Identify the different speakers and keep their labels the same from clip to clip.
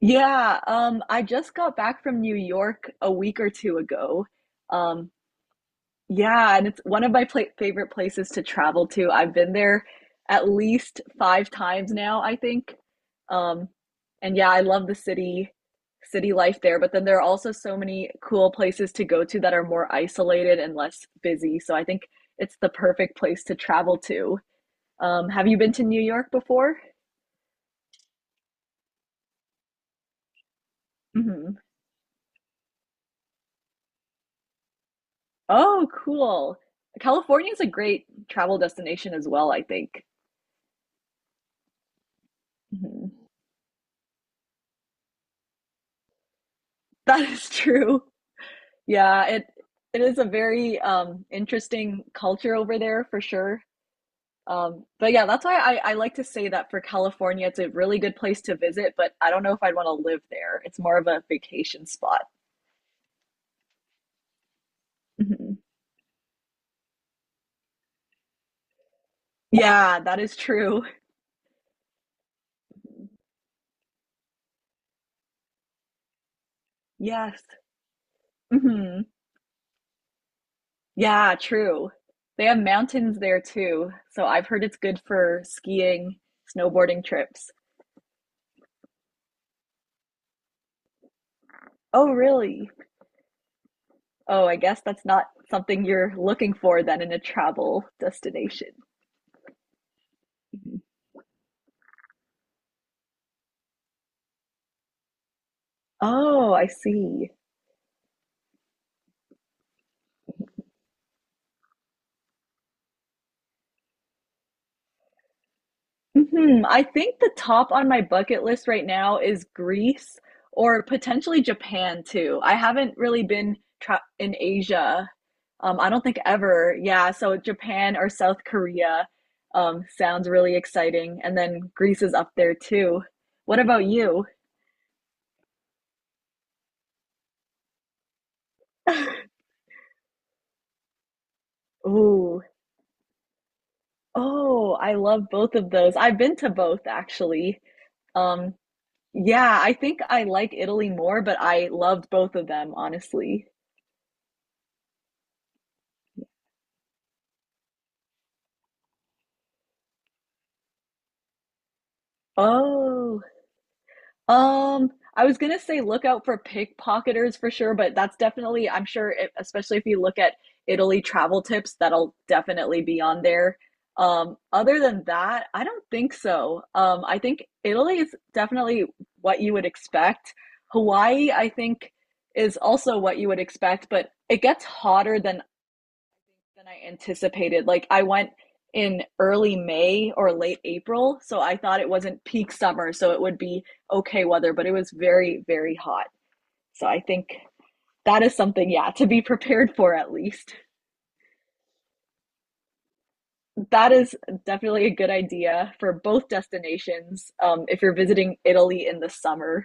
Speaker 1: Yeah, I just got back from New York a week or two ago. Um, yeah, and it's one of my pla favorite places to travel to. I've been there at least five times now, I think. Um, and yeah, I love city life there. But then there are also so many cool places to go to that are more isolated and less busy. So I think it's the perfect place to travel to. Have you been to New York before? Mhm. Oh, cool. California is a great travel destination as well, I think. Mhm. That is true. Yeah, it is a very interesting culture over there for sure. But yeah, that's why I like to say that for California, it's a really good place to visit, but I don't know if I'd want to live there. It's more of a vacation spot. Mhm. Yeah, that is true. Yes. Mhm. Yeah, true. They have mountains there too, so I've heard it's good for skiing, snowboarding trips. Oh, really? Oh, I guess that's not something you're looking for then in a travel destination. Oh, I see. Mhm, I think the top on my bucket list right now is Greece or potentially Japan too. I haven't really been tra in Asia. I don't think ever. Yeah, so Japan or South Korea sounds really exciting. And then Greece is up there too. What about you? Ooh. Oh, I love both of those. I've been to both actually. Um, yeah, I think I like Italy more, but I loved both of them, honestly. Oh, I was gonna say look out for pickpocketers for sure, but that's definitely, I'm sure, it, especially if you look at Italy travel tips, that'll definitely be on there. Other than that, I don't think so. I think Italy is definitely what you would expect. Hawaii, I think, is also what you would expect, but it gets hotter than I anticipated. Like I went in early May or late April, so I thought it wasn't peak summer, so it would be okay weather, but it was very, very hot. So I think that is something, yeah, to be prepared for at least. That is definitely a good idea for both destinations if you're visiting Italy in the summer.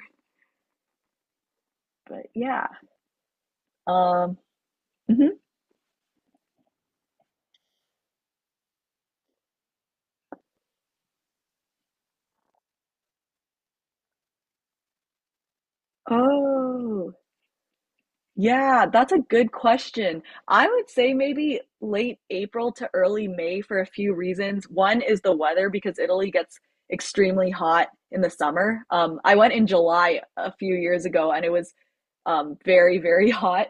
Speaker 1: But yeah. Um, mhm. Oh, yeah, that's a good question. I would say maybe late April to early May for a few reasons. One is the weather because Italy gets extremely hot in the summer. I went in July a few years ago and it was very, very hot.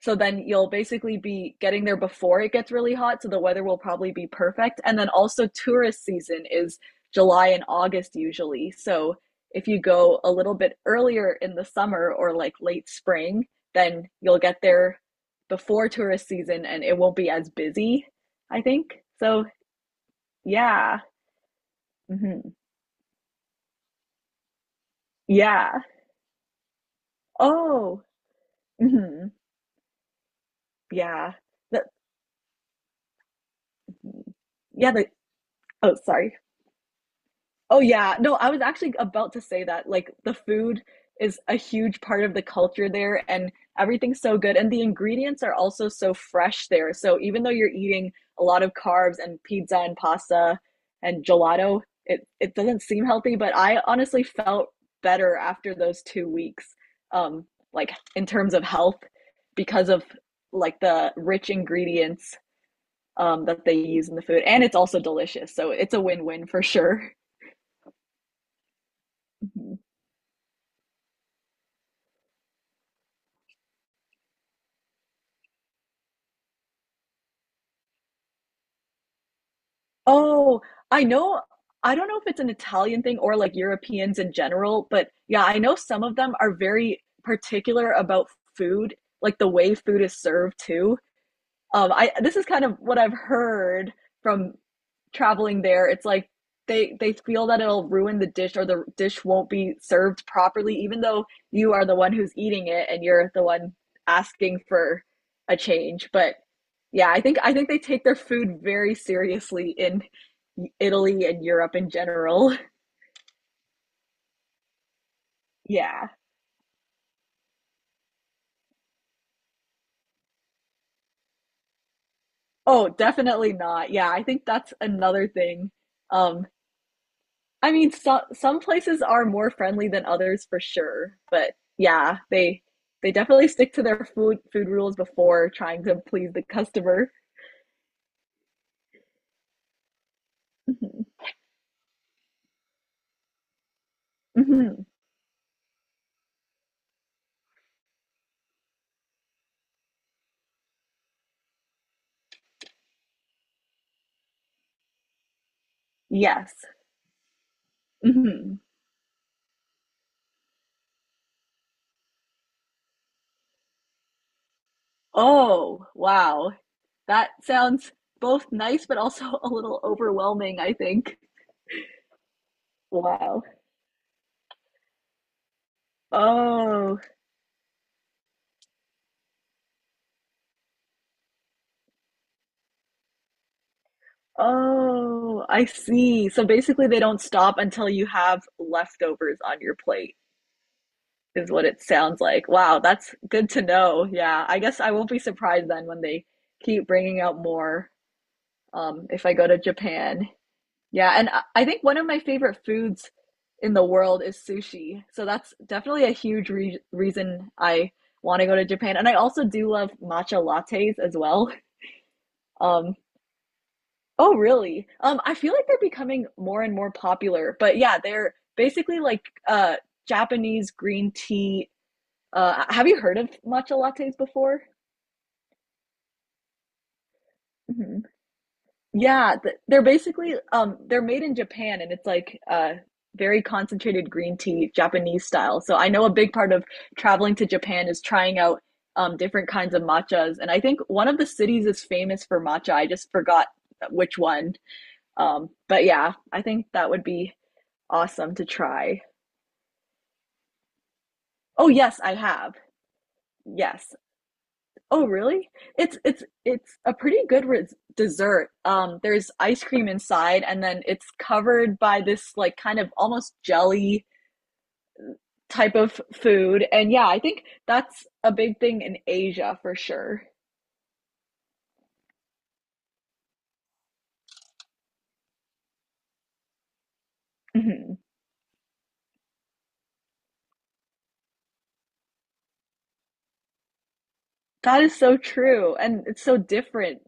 Speaker 1: So then you'll basically be getting there before it gets really hot. So the weather will probably be perfect. And then also, tourist season is July and August usually. So if you go a little bit earlier in the summer or like late spring, then you'll get there before tourist season and it won't be as busy, I think. So, yeah. Hmm. Yeah. Oh, hmm, yeah. The, yeah. Oh, sorry. Oh yeah. No, I was actually about to say that. Like the food is a huge part of the culture there and everything's so good and the ingredients are also so fresh there. So even though you're eating a lot of carbs and pizza and pasta and gelato, it doesn't seem healthy, but I honestly felt better after those 2 weeks um like in terms of health because of like the rich ingredients that they use in the food and it's also delicious. So it's a win-win for sure. Oh, I know. I don't know if it's an Italian thing or like Europeans in general, but yeah, I know some of them are very particular about food, like the way food is served too. I this is kind of what I've heard from traveling there, it's like they feel that it'll ruin the dish or the dish won't be served properly, even though you are the one who's eating it and you're the one asking for a change. But yeah, I think they take their food very seriously in Italy and Europe in general. Yeah. Oh, definitely not. Yeah, I think that's another thing. Um, I mean, so, some places are more friendly than others for sure, but yeah, they definitely stick to their food rules before trying to please the customer. Mhm. Mhm. Yes. Hmm. Oh, wow. That sounds both nice but also a little overwhelming, I think. Wow. Oh, oh, I see. So basically, they don't stop until you have leftovers on your plate. Is what it sounds like. Wow, that's good to know. Yeah, I guess I won't be surprised then when they keep bringing out more if I go to Japan. Yeah, and I- think one of my favorite foods in the world is sushi. So that's definitely a huge re- reason I want to go to Japan. And I also do love matcha lattes as well. Um, oh, really? I feel like they're becoming more and more popular. But yeah, they're basically like uh, Japanese green tea. Have you heard of matcha lattes before? Hmm. Yeah, th- they're basically they're made in Japan and it's like very concentrated green tea, Japanese style. So I know a big part of traveling to Japan is trying out different kinds of matchas and I think one of the cities is famous for matcha. I just forgot which one. But yeah, I think that would be awesome to try. Oh yes, I have. Yes. Oh, really? It's it's a pretty good res dessert. There's ice cream inside, and then it's covered by this like kind of almost jelly type of food. And yeah, I think that's a big thing in Asia for sure. Mhm. That is so true, and it's so different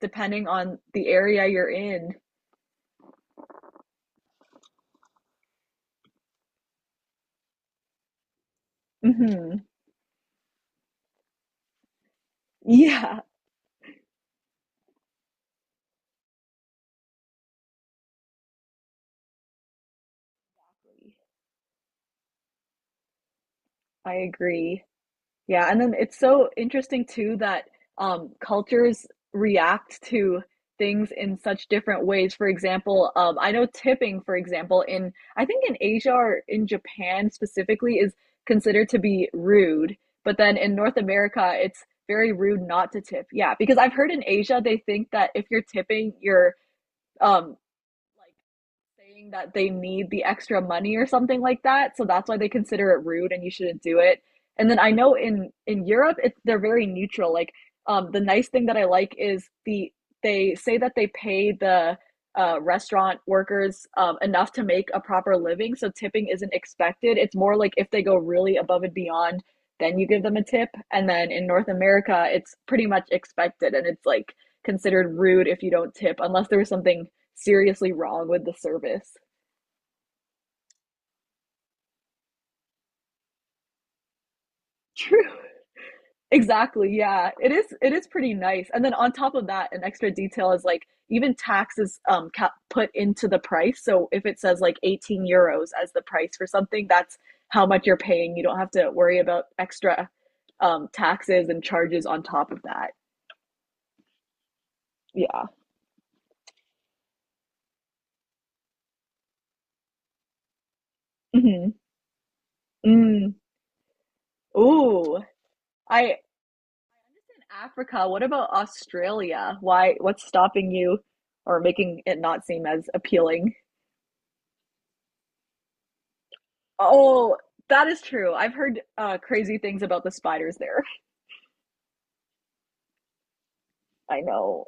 Speaker 1: depending on the area you're in. Hmm. Yeah, I agree. Yeah, and then it's so interesting too that cultures react to things in such different ways. For example, I know tipping, for example, in I think in Asia or in Japan specifically is considered to be rude, but then in North America, it's very rude not to tip. Yeah, because I've heard in Asia they think that if you're tipping, you're um, like saying that they need the extra money or something like that. So that's why they consider it rude and you shouldn't do it. And then I know in Europe, it's they're very neutral. Like the nice thing that I like is they say that they pay the restaurant workers enough to make a proper living, so tipping isn't expected. It's more like if they go really above and beyond, then you give them a tip. And then in North America, it's pretty much expected, and it's like considered rude if you don't tip unless there was something seriously wrong with the service. True. Exactly. Yeah. It is pretty nice. And then on top of that, an extra detail is like even taxes cap- put into the price. So if it says like €18 as the price for something, that's how much you're paying. You don't have to worry about extra taxes and charges on top of that. Yeah. Mhm. Mm. Ooh. I in Africa, what about Australia? Why what's stopping you or making it not seem as appealing? Oh, that is true. I've heard crazy things about the spiders there. I know.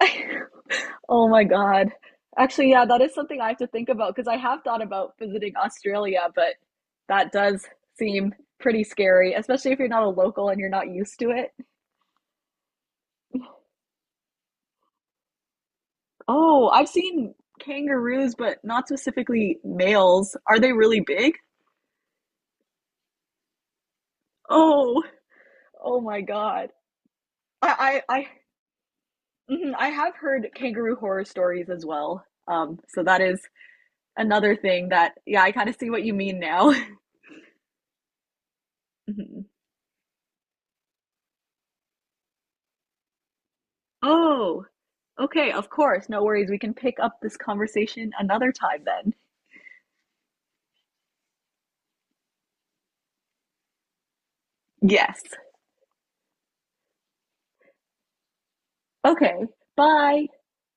Speaker 1: Oh my God. Actually, yeah, that is something I have to think about because I have thought about visiting Australia, but that does seem pretty scary, especially if you're not a local and you're not used to it. Oh, I've seen kangaroos, but not specifically males. Are they really big? Oh, oh my God. I I I, mhm, I have heard kangaroo horror stories as well. So that is another thing that yeah, I kind of see what you mean now. Mhm. Oh, okay, of course. No worries. We can pick up this conversation another time then. Yes. Okay. Bye.